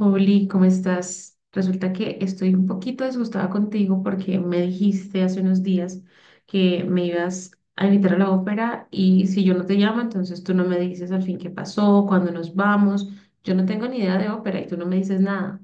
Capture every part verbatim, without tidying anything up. Oli, ¿cómo estás? Resulta que estoy un poquito disgustada contigo porque me dijiste hace unos días que me ibas a invitar a la ópera y si yo no te llamo, entonces tú no me dices al fin qué pasó, cuándo nos vamos. Yo no tengo ni idea de ópera y tú no me dices nada.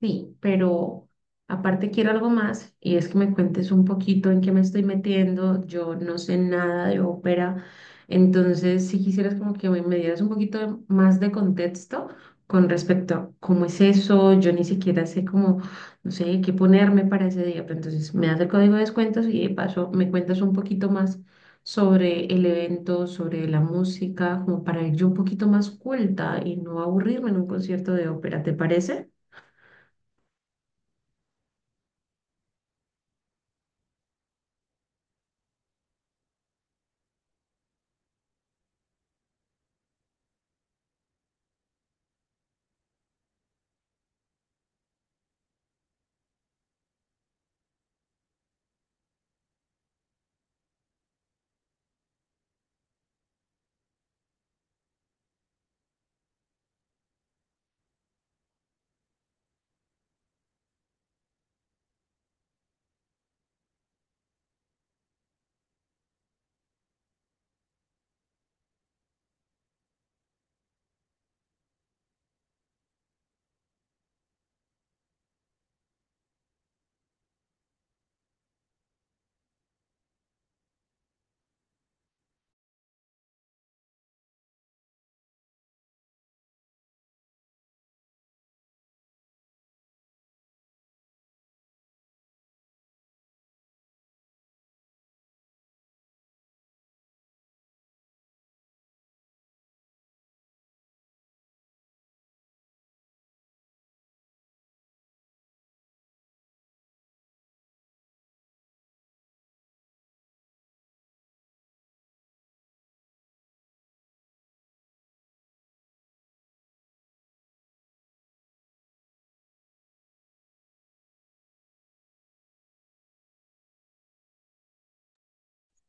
Sí, pero aparte quiero algo más y es que me cuentes un poquito en qué me estoy metiendo. Yo no sé nada de ópera, entonces si quisieras como que me me dieras un poquito de- más de contexto con respecto a cómo es eso, yo ni siquiera sé cómo, no sé, qué ponerme para ese día, pero entonces me das el código de descuentos y de paso me cuentas un poquito más sobre el evento, sobre la música, como para ir yo un poquito más culta y no aburrirme en un concierto de ópera, ¿te parece?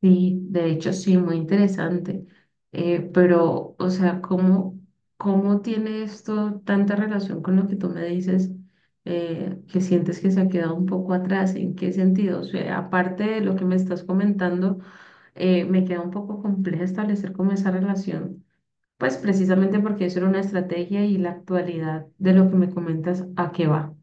Sí, de hecho sí, muy interesante. Eh, pero, o sea, ¿cómo, cómo tiene esto tanta relación con lo que tú me dices, eh, que sientes que se ha quedado un poco atrás? ¿En qué sentido? O sea, aparte de lo que me estás comentando, eh, me queda un poco compleja establecer como esa relación, pues precisamente porque eso era una estrategia y la actualidad de lo que me comentas, ¿a qué va?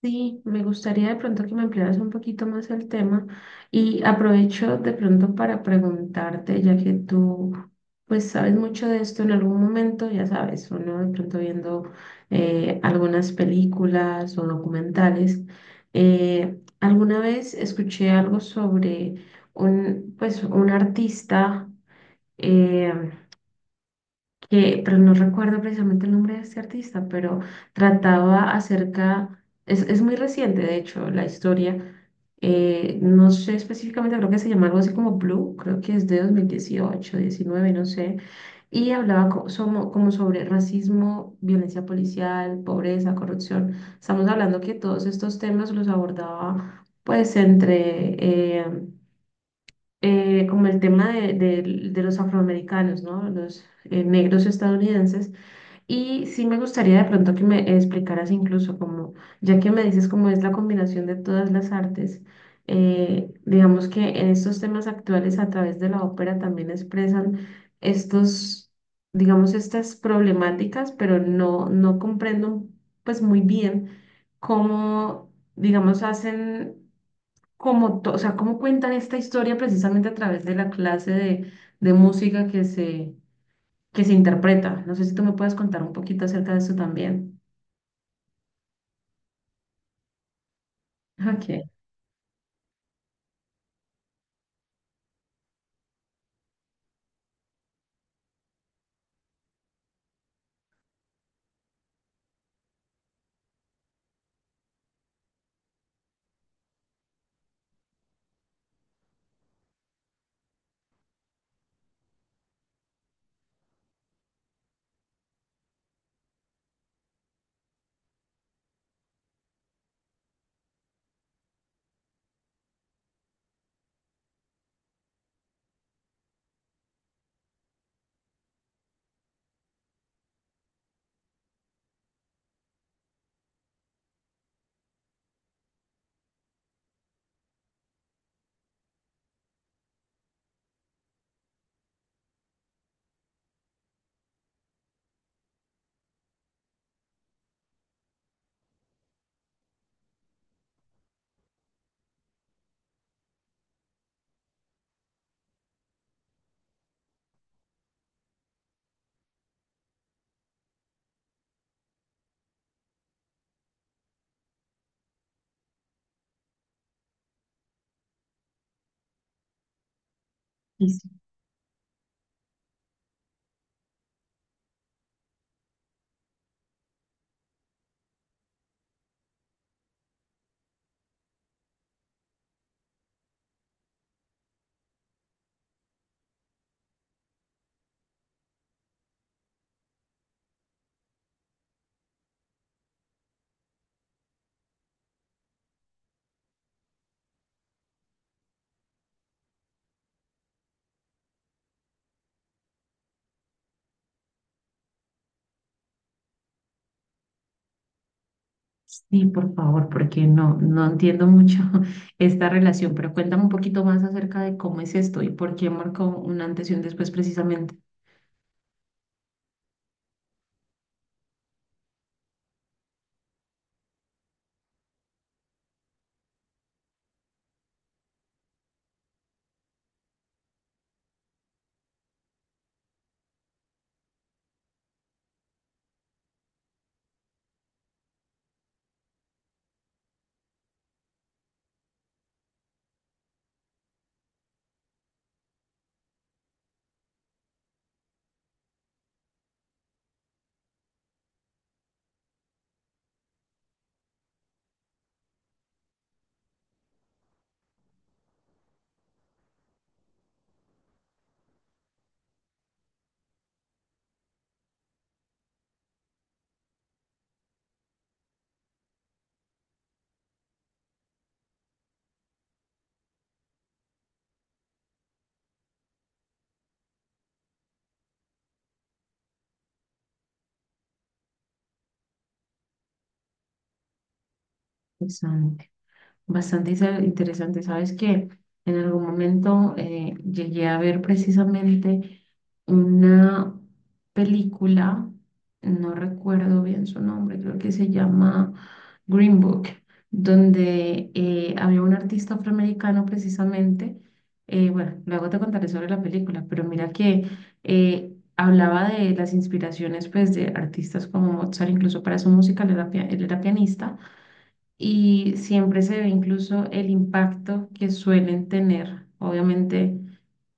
Sí, me gustaría de pronto que me ampliaras un poquito más el tema y aprovecho de pronto para preguntarte, ya que tú pues sabes mucho de esto en algún momento, ya sabes, uno de pronto viendo eh, algunas películas o documentales, eh, alguna vez escuché algo sobre un pues un artista eh, que, pero no recuerdo precisamente el nombre de este artista, pero trataba acerca, es, es muy reciente de hecho la historia, eh, no sé específicamente, creo que se llama algo así como Blue, creo que es de dos mil dieciocho, diecinueve, no sé, y hablaba co- somo- como, sobre racismo, violencia policial, pobreza, corrupción. Estamos hablando que todos estos temas los abordaba pues entre... eh, eh, como el tema de, de- de los afroamericanos, ¿no? Los eh, negros estadounidenses y sí me gustaría de pronto que me explicaras incluso como, ya que me dices cómo es la combinación de todas las artes, eh, digamos que en estos temas actuales a través de la ópera también expresan estos, digamos, estas problemáticas, pero no, no comprendo pues muy bien cómo, digamos, hacen, como to- o sea, cómo cuentan esta historia precisamente a través de la clase de, de música que se que se interpreta. No sé si tú me puedes contar un poquito acerca de eso también. Ok. Y sí, sí, por favor, porque no, no entiendo mucho esta relación, pero cuéntame un poquito más acerca de cómo es esto y por qué marcó un antes y un después precisamente. Exacto. Bastante isa- interesante. Sabes que en algún momento eh, llegué a ver precisamente una película, no recuerdo bien su nombre, creo que se llama Green Book, donde eh, había un artista afroamericano precisamente. Eh, bueno, luego te contaré sobre la película, pero mira que eh, hablaba de las inspiraciones pues, de artistas como Mozart, incluso para su música, él era pia- él era pianista y siempre se ve incluso el impacto que suelen tener, obviamente,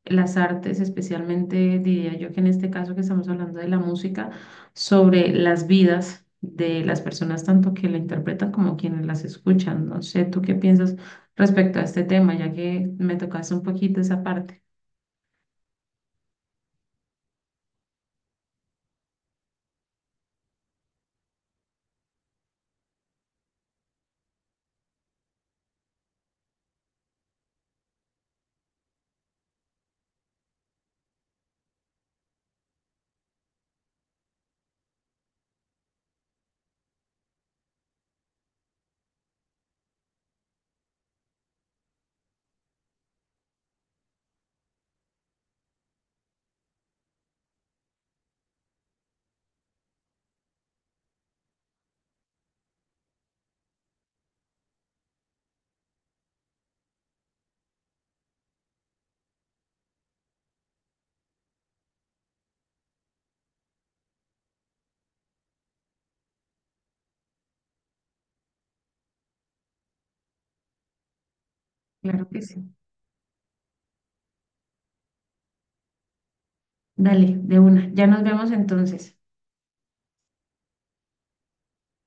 las artes, especialmente diría yo que en este caso que estamos hablando de la música, sobre las vidas de las personas, tanto que la interpretan como quienes las escuchan. No sé, ¿tú qué piensas respecto a este tema, ya que me tocaste un poquito esa parte? Claro que sí. Dale, de una. Ya nos vemos entonces.